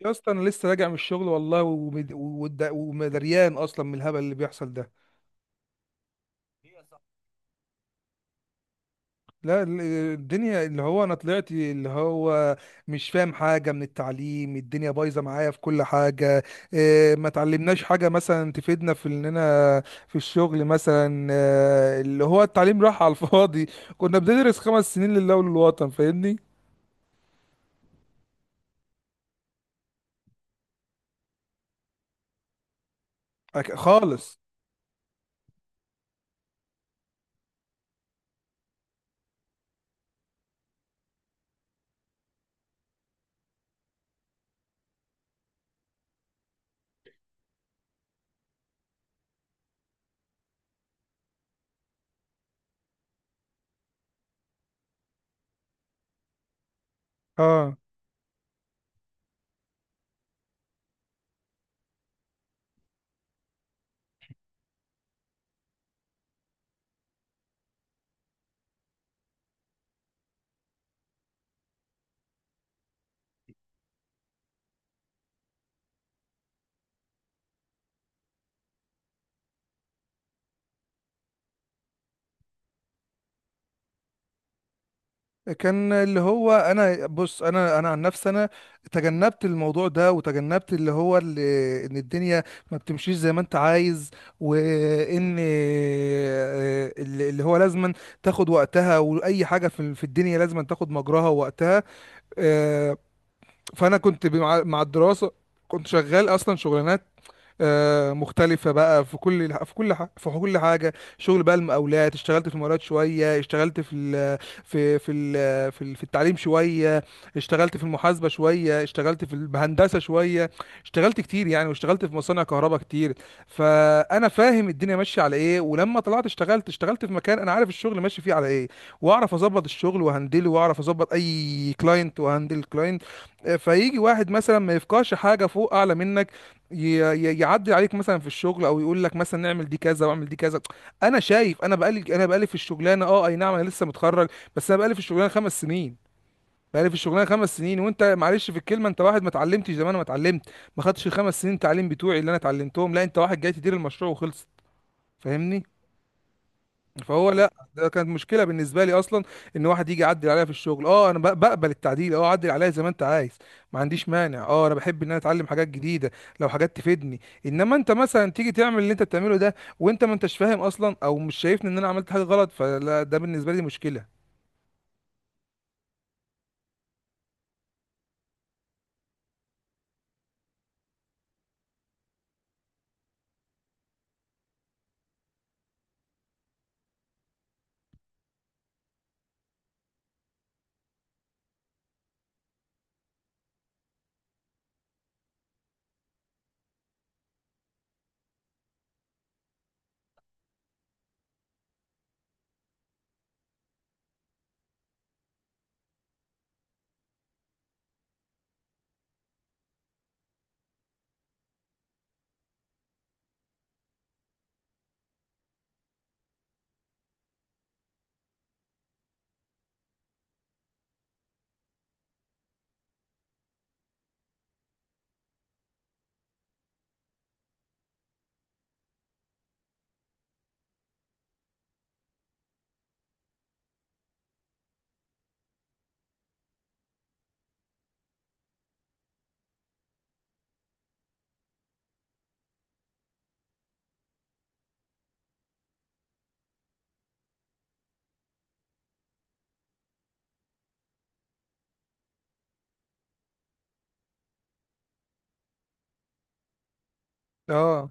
يا اسطى، انا لسه راجع من الشغل والله، ومد- ومد- ومدريان اصلا من الهبل اللي بيحصل ده. لا ال- الدنيا اللي هو انا طلعت، اللي هو مش فاهم حاجه من التعليم، الدنيا بايظه معايا في كل حاجه. إيه، ما تعلمناش حاجه مثلا تفيدنا في اننا في الشغل مثلا، اللي هو التعليم راح على الفاضي. كنا بندرس 5 سنين لله وللوطن، فاهمني؟ خالص. اه، كان اللي هو انا بص، انا عن نفسي انا تجنبت الموضوع ده، وتجنبت اللي هو اللي ان الدنيا ما بتمشيش زي ما انت عايز، وان اللي هو لازما تاخد وقتها، واي حاجه في الدنيا لازما تاخد مجراها ووقتها. آه، فانا كنت مع الدراسه كنت شغال اصلا شغلانات مختلفة بقى، في كل حاجة شغل، بقى المقاولات، اشتغلت في المقاولات شوية، اشتغلت في في التعليم شوية، اشتغلت في المحاسبة شوية، اشتغلت في الهندسة شوية، اشتغلت كتير يعني، واشتغلت في مصانع كهرباء كتير. فأنا فاهم الدنيا ماشية على ايه، ولما طلعت اشتغلت في مكان أنا عارف الشغل ماشي فيه على ايه، واعرف اظبط الشغل وهندله، واعرف اظبط اي كلاينت وهندل كلاينت. فيجي واحد مثلا ما يفقهش حاجة فوق أعلى منك، يعدي عليك مثلا في الشغل، او يقول لك مثلا نعمل دي كذا، واعمل دي كذا. انا شايف انا بقالي، انا بقالي في الشغلانه، اه اي نعم انا لسه متخرج، بس انا بقالي في الشغلانه 5 سنين. بقالي في الشغلانه خمس سنين، وانت معلش في الكلمه، انت واحد ما اتعلمتش زي ما انا ما اتعلمت، ما خدتش ال5 سنين تعليم بتوعي اللي انا اتعلمتهم. لا انت واحد جاي تدير المشروع وخلصت، فاهمني؟ فهو لا، ده كانت مشكله بالنسبه لي اصلا. ان واحد يجي يعدل عليا في الشغل، اه انا بقبل التعديل، اه عدل عليا زي ما انت عايز، ما عنديش مانع، اه انا بحب ان انا اتعلم حاجات جديده لو حاجات تفيدني. انما انت مثلا تيجي تعمل اللي انت بتعمله ده، وانت ما انتش فاهم اصلا، او مش شايفني ان انا عملت حاجه غلط، فلا ده بالنسبه لي مشكله. اه،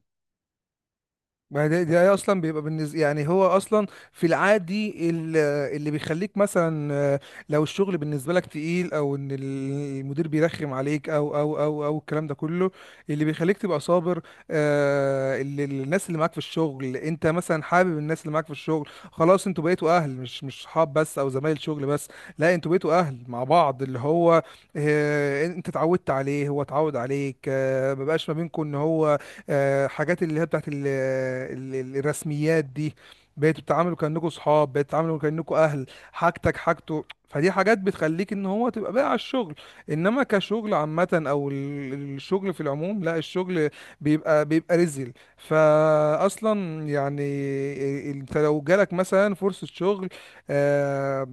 ما ده, ده اصلا بيبقى بالنسبه يعني، هو اصلا في العادي، اللي بيخليك مثلا، لو الشغل بالنسبه لك تقيل، او ان المدير بيرخم عليك، او الكلام ده كله، اللي بيخليك تبقى صابر، الناس اللي معاك في الشغل. انت مثلا حابب الناس اللي معاك في الشغل، خلاص انتوا بقيتوا اهل، مش صحاب بس، او زمايل شغل بس. لا انتوا بقيتوا اهل مع بعض، اللي هو انت اتعودت عليه، هو اتعود عليك، ما بقاش ما بينكم ان هو حاجات اللي هي بتاعت الرسميات دي. بقيتوا بتتعاملوا كأنكم صحاب، بقيتوا بتتعاملوا كأنكم أهل، حاجتك حاجته، فدي حاجات بتخليك ان هو تبقى بقى على الشغل. انما كشغل عامة، او الشغل في العموم، لا الشغل بيبقى رزل فاصلا يعني. انت لو جالك مثلا فرصة شغل، آه،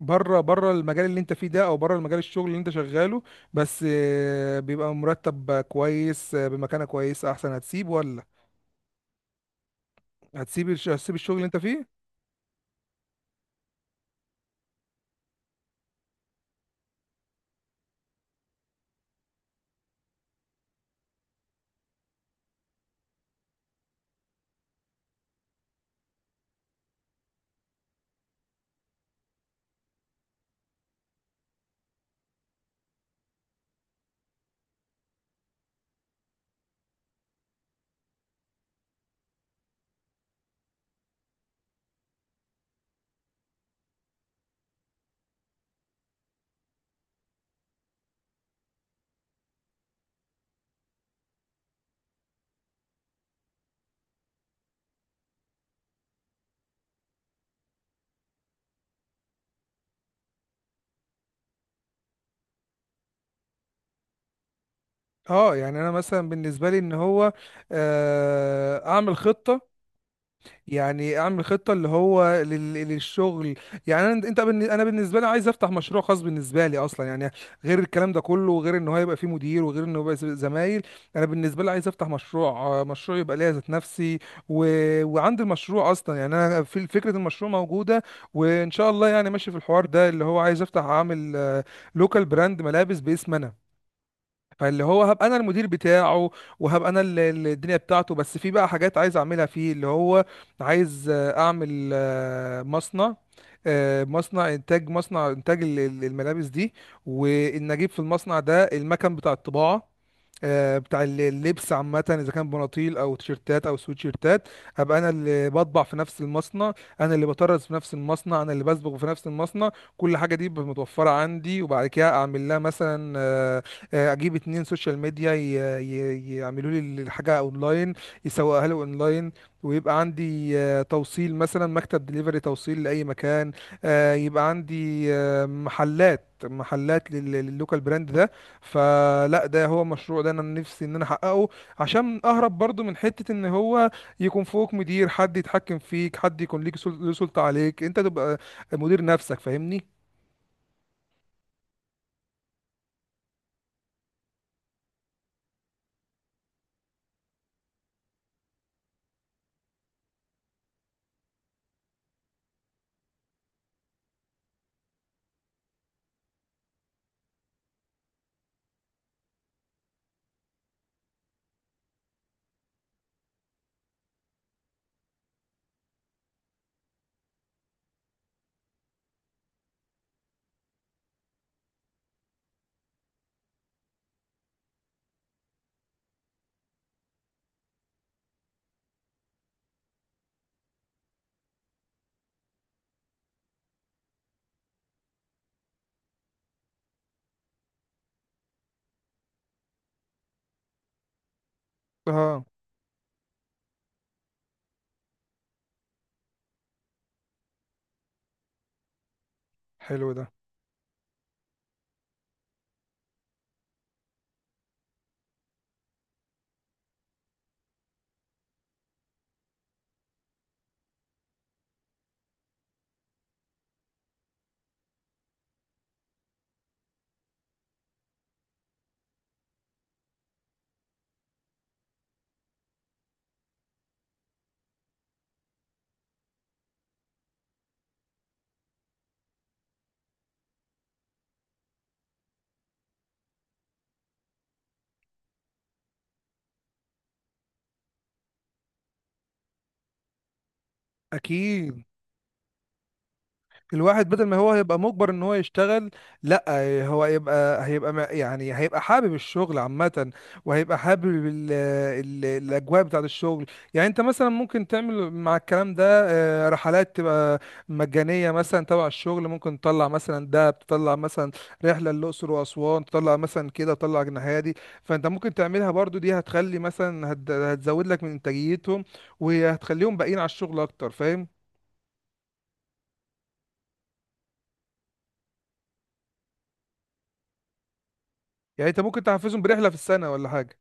بره المجال اللي انت فيه ده، او بره المجال الشغل اللي انت شغاله، بس بيبقى مرتب كويس، بمكانة كويسة احسن، هتسيب ولا هتسيب هتسيب الشغل اللي انت فيه؟ اه يعني انا مثلا بالنسبة لي ان هو اعمل خطة، يعني اعمل خطه اللي هو للشغل. يعني انا انت انا بالنسبه لي عايز افتح مشروع خاص بالنسبه لي اصلا يعني، غير الكلام ده كله، وغير ان هو يبقى فيه مدير، وغير انه يبقى زمايل. انا بالنسبه لي عايز افتح مشروع، مشروع يبقى ليا ذات نفسي و... وعندي المشروع اصلا يعني، انا في فكره المشروع موجوده، وان شاء الله يعني ماشي في الحوار ده، اللي هو عايز افتح اعمل لوكال براند ملابس باسم انا. فاللي هو هبقى انا المدير بتاعه، وهبقى انا الدنيا بتاعته. بس في بقى حاجات عايز اعملها فيه، اللي هو عايز اعمل مصنع، مصنع انتاج، مصنع انتاج الملابس دي. وان اجيب في المصنع ده المكن بتاع الطباعة، بتاع اللبس عامة، إذا كان بناطيل أو تيشيرتات أو سويتشيرتات، أبقى أنا اللي بطبع في نفس المصنع، أنا اللي بطرز في نفس المصنع، أنا اللي بسبغ في نفس المصنع. كل حاجة دي بتبقى متوفرة عندي. وبعد كده أعمل لها مثلا، اجيب 2 سوشيال ميديا يعملوا لي الحاجه اونلاين، يسوقها لي اونلاين، ويبقى عندي توصيل مثلا، مكتب دليفري توصيل لاي مكان، يبقى عندي محلات، محلات لللوكال براند ده. فلا ده هو مشروع ده انا نفسي ان انا احققه، عشان اهرب برضو من حتة ان هو يكون فوق مدير، حد يتحكم فيك، حد يكون ليك له سلطة عليك، انت تبقى مدير نفسك، فاهمني؟ اه حلو ده. اكيد الواحد بدل ما هو هيبقى مجبر ان هو يشتغل، لا هو هيبقى، يعني هيبقى حابب الشغل عامة، وهيبقى حابب ال ال الاجواء بتاعة الشغل. يعني انت مثلا ممكن تعمل مع الكلام ده رحلات تبقى مجانية مثلا تبع الشغل، ممكن تطلع مثلا دهب، تطلع مثلا رحلة للأقصر وأسوان، تطلع مثلا كده تطلع الناحية دي. فانت ممكن تعملها برضو، دي هتخلي مثلا، هتزود لك من انتاجيتهم، وهتخليهم باقيين على الشغل اكتر، فاهم؟ يعني انت ممكن تحفزهم برحلة في السنة ولا حاجة.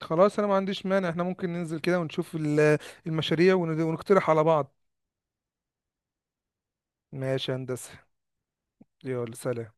خلاص انا ما عنديش مانع، احنا ممكن ننزل كده ونشوف المشاريع ونقترح على بعض. ماشي يا هندسة، يلا سلام.